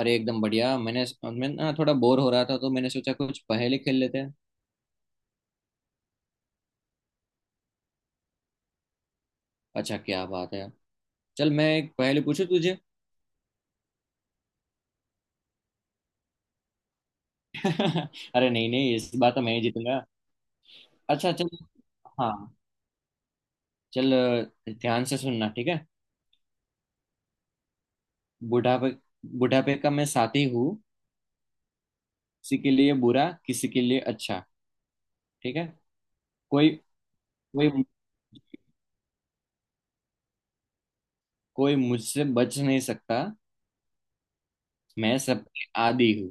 अरे एकदम बढ़िया मैं ना थोड़ा बोर हो रहा था तो मैंने सोचा कुछ पहेली खेल लेते हैं। अच्छा क्या बात है। चल मैं एक पहेली पूछूं तुझे। अरे नहीं नहीं इस बार तो मैं ही जीतूंगा। अच्छा चल। हाँ। चल ध्यान से सुनना ठीक है। बुढ़ापे बुढ़ापे का मैं साथी हूँ। किसी के लिए बुरा किसी के लिए अच्छा, ठीक है। कोई कोई कोई मुझसे बच नहीं सकता। मैं सबके आदी हूँ।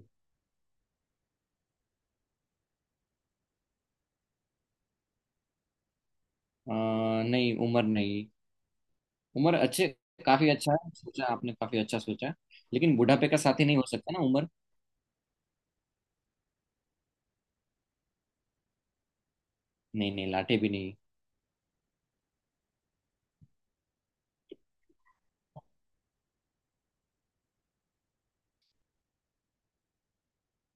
अ, नहीं, उम्र नहीं। उम्र अच्छे, काफी अच्छा है, सोचा आपने काफी अच्छा सोचा है। लेकिन बुढ़ापे का साथी नहीं हो सकता ना उम्र। नहीं नहीं, लाटे भी नहीं।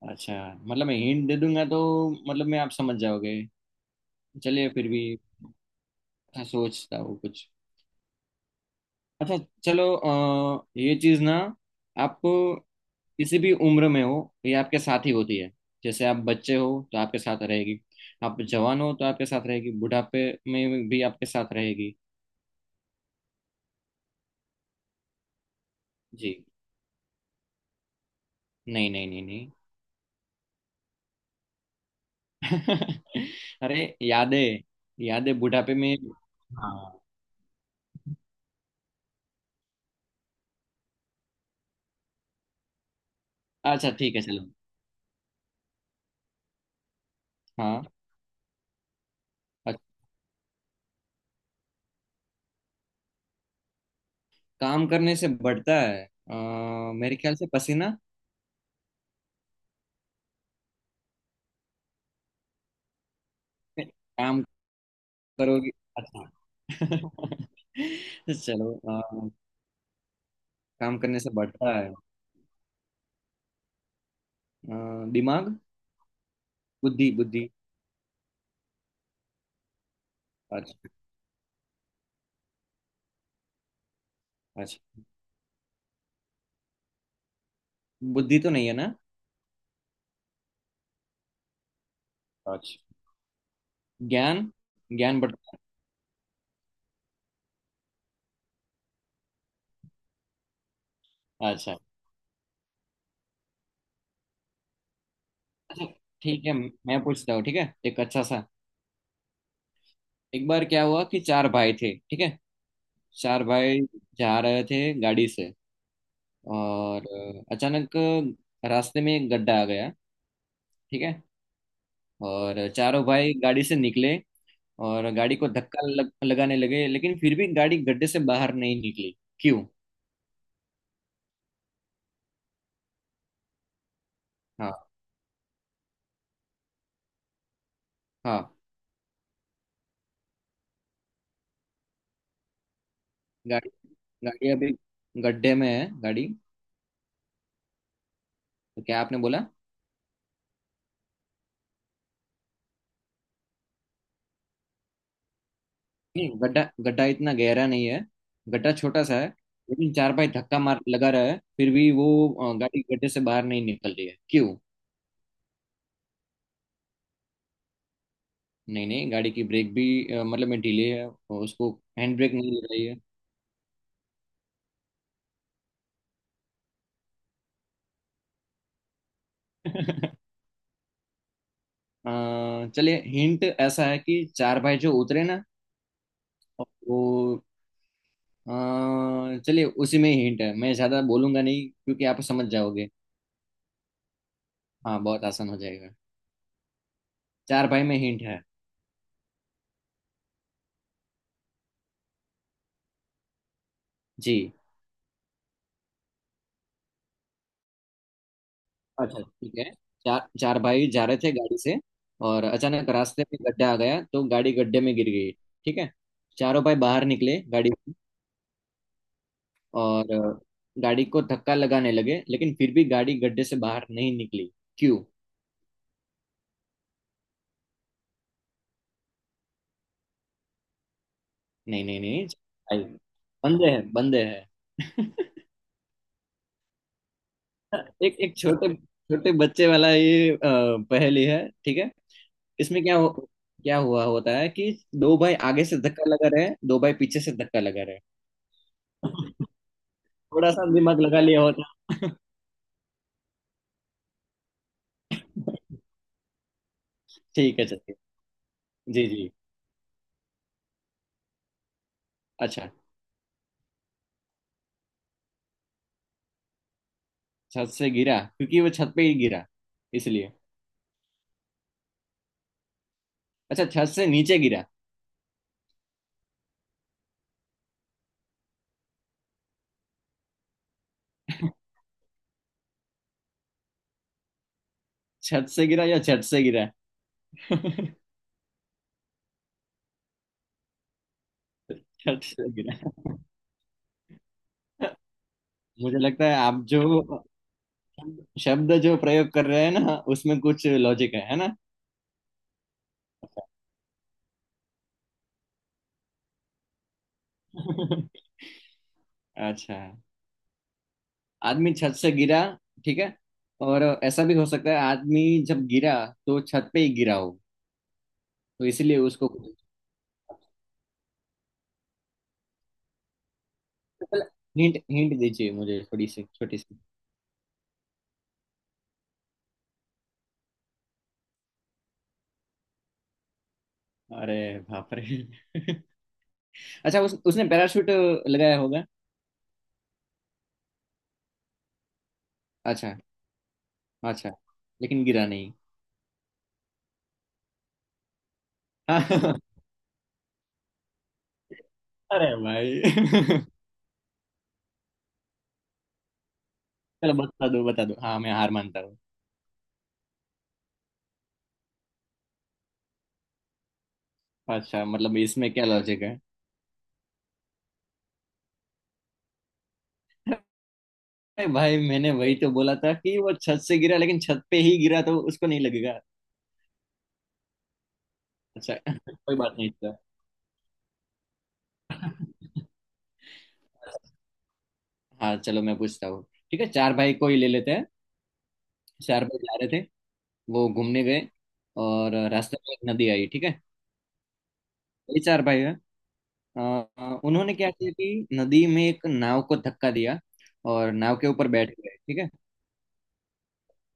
अच्छा मतलब मैं हिंट दे दूंगा तो मतलब मैं आप समझ जाओगे। चलिए फिर भी अच्छा सोचता हूँ कुछ। अच्छा चलो ये चीज ना, आप किसी भी उम्र में हो ये आपके साथ ही होती है। जैसे आप बच्चे हो तो आपके साथ रहेगी, आप जवान हो तो आपके साथ रहेगी, बुढ़ापे में भी आपके साथ रहेगी। जी नहीं नहीं नहीं नहीं। अरे, यादें, यादें बुढ़ापे में। हाँ। अच्छा ठीक है चलो। हाँ। अ- काम करने से बढ़ता है मेरे ख्याल से पसीना। काम करोगे, अच्छा। चलो काम करने से बढ़ता है दिमाग, बुद्धि बुद्धि। अच्छा अच्छा, बुद्धि तो नहीं है ना। अच्छा ज्ञान, ज्ञान बढ़ता है। अच्छा, अच्छा ठीक है मैं पूछता हूँ, ठीक है, एक अच्छा सा। एक बार क्या हुआ कि चार भाई थे, ठीक है, चार भाई जा रहे थे गाड़ी से, और अचानक रास्ते में एक गड्ढा आ गया, ठीक है, और चारों भाई गाड़ी से निकले और गाड़ी को लगाने लगे, लेकिन फिर भी गाड़ी गड्ढे से बाहर नहीं निकली, क्यों? हाँ हाँ। गाड़ी, गाड़ी अभी गड्ढे में है गाड़ी। तो क्या आपने बोला? नहीं गड्ढा, गड्ढा इतना गहरा नहीं है, गड्ढा छोटा सा है, लेकिन चार भाई धक्का मार लगा रहा है फिर भी वो गाड़ी गड्ढे से बाहर नहीं निकल रही है, क्यों? नहीं नहीं, गाड़ी की ब्रेक भी मतलब मैं ढीले है और उसको हैंड ब्रेक नहीं लग रही है। चलिए, हिंट ऐसा है कि चार भाई जो उतरे ना वो चलिए, उसी में ही हिंट है, मैं ज्यादा बोलूंगा नहीं क्योंकि आप समझ जाओगे। हाँ बहुत आसान हो जाएगा। चार भाई में हिंट है। जी। अच्छा ठीक है। चार, चार भाई जा रहे थे गाड़ी से, और अचानक रास्ते में गड्ढा आ गया तो गाड़ी गड्ढे में गिर गई, ठीक है। चारों भाई बाहर निकले गाड़ी, और गाड़ी को धक्का लगाने लगे, लेकिन फिर भी गाड़ी गड्ढे से बाहर नहीं निकली, क्यों? नहीं नहीं नहीं, भाई बंदे हैं बंदे हैं। एक एक छोटे छोटे बच्चे वाला ये पहेली है, ठीक है। इसमें क्या हुआ होता है कि दो भाई आगे से धक्का लगा रहे हैं, दो भाई पीछे से धक्का लगा रहे हैं। थोड़ा सा दिमाग लगा लिया होता। ठीक है चलिए। जी जी। अच्छा, छत से गिरा क्योंकि वो छत पे ही गिरा इसलिए। अच्छा छत से नीचे गिरा। छत से गिरा या छत से गिरा? छत से गिरा। मुझे लगता है आप जो शब्द जो प्रयोग कर रहे हैं ना उसमें कुछ लॉजिक है ना? अच्छा, आदमी छत से गिरा, ठीक है, और ऐसा भी हो सकता है आदमी जब गिरा तो छत पे ही गिरा हो, तो इसीलिए उसको। हिंट, हिंट दीजिए मुझे, थोड़ी सी छोटी सी। अरे बाप रे। अच्छा उसने पैराशूट लगाया होगा। अच्छा अच्छा, लेकिन गिरा नहीं। हाँ। अरे भाई। चलो बता दो बता दो, हाँ मैं हार मानता हूँ। अच्छा मतलब इसमें क्या लॉजिक है? अरे भाई, मैंने वही तो बोला था कि वो छत से गिरा लेकिन छत पे ही गिरा तो उसको नहीं लगेगा। अच्छा। कोई बात नहीं इसका। हाँ चलो मैं पूछता हूँ, ठीक है, चार भाई को ही ले लेते हैं। चार भाई जा रहे थे, वो घूमने गए, और रास्ते में एक नदी आई, ठीक है, ये चार भाई है। उन्होंने क्या किया कि नदी में एक नाव को धक्का दिया और नाव के ऊपर बैठ गए, ठीक है।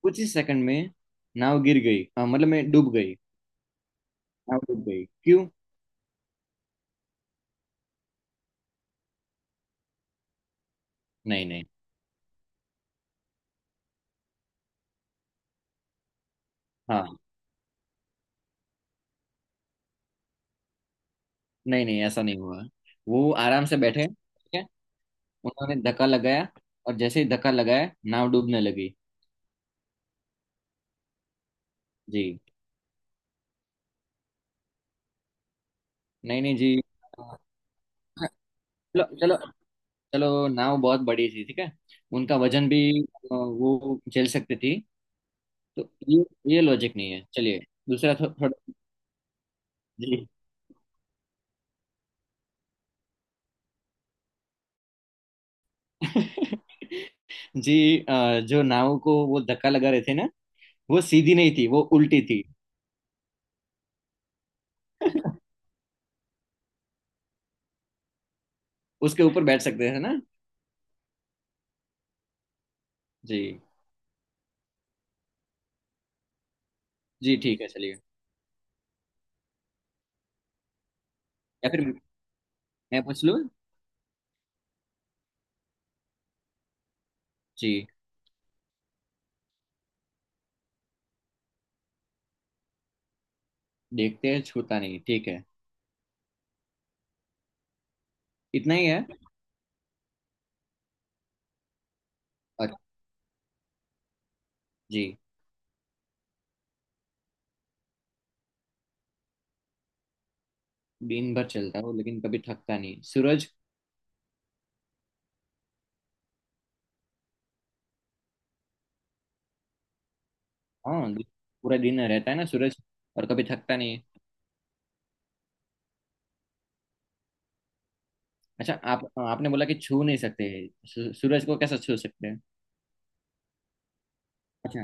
कुछ ही सेकंड में नाव गिर गई, हाँ मतलब मैं डूब गई, नाव डूब गई, क्यों? नहीं नहीं। हाँ। नहीं नहीं ऐसा नहीं हुआ, वो आराम से बैठे, ठीक है। उन्होंने धक्का लगाया, और जैसे ही धक्का लगाया नाव डूबने लगी। जी नहीं नहीं जी। चलो चलो। चलो नाव बहुत बड़ी थी, ठीक है, उनका वजन भी वो झेल सकती थी। तो ये लॉजिक नहीं है, चलिए। दूसरा थोड़ा। जी। जी जो नाव को वो धक्का लगा रहे थे ना, वो सीधी नहीं थी, वो उल्टी थी, उसके ऊपर बैठ सकते हैं ना। जी जी ठीक है चलिए। या फिर मैं पूछ लूँ। जी। देखते हैं, छूता नहीं, ठीक है, इतना ही है। और जी। दिन भर चलता है वो लेकिन कभी थकता नहीं, सूरज। हाँ पूरा दिन रहता है ना सूरज, और कभी थकता नहीं। अच्छा आप आपने बोला कि छू नहीं सकते, सूरज को कैसे छू सकते हैं? अच्छा।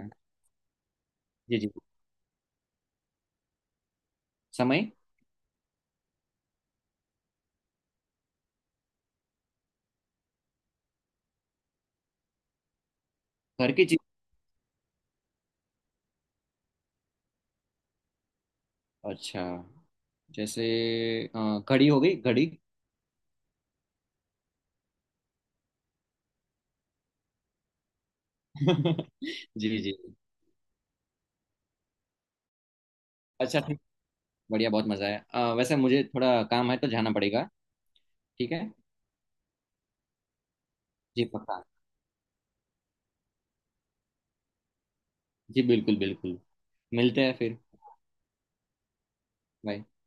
जी जी। समय। घर की चीज, अच्छा, जैसे घड़ी हो गई, घड़ी। जी जी। अच्छा ठीक। बढ़िया, बहुत मजा है, वैसे मुझे थोड़ा काम है तो जाना पड़ेगा। ठीक है। जी पक्का। जी बिल्कुल बिल्कुल। मिलते हैं फिर। बाय।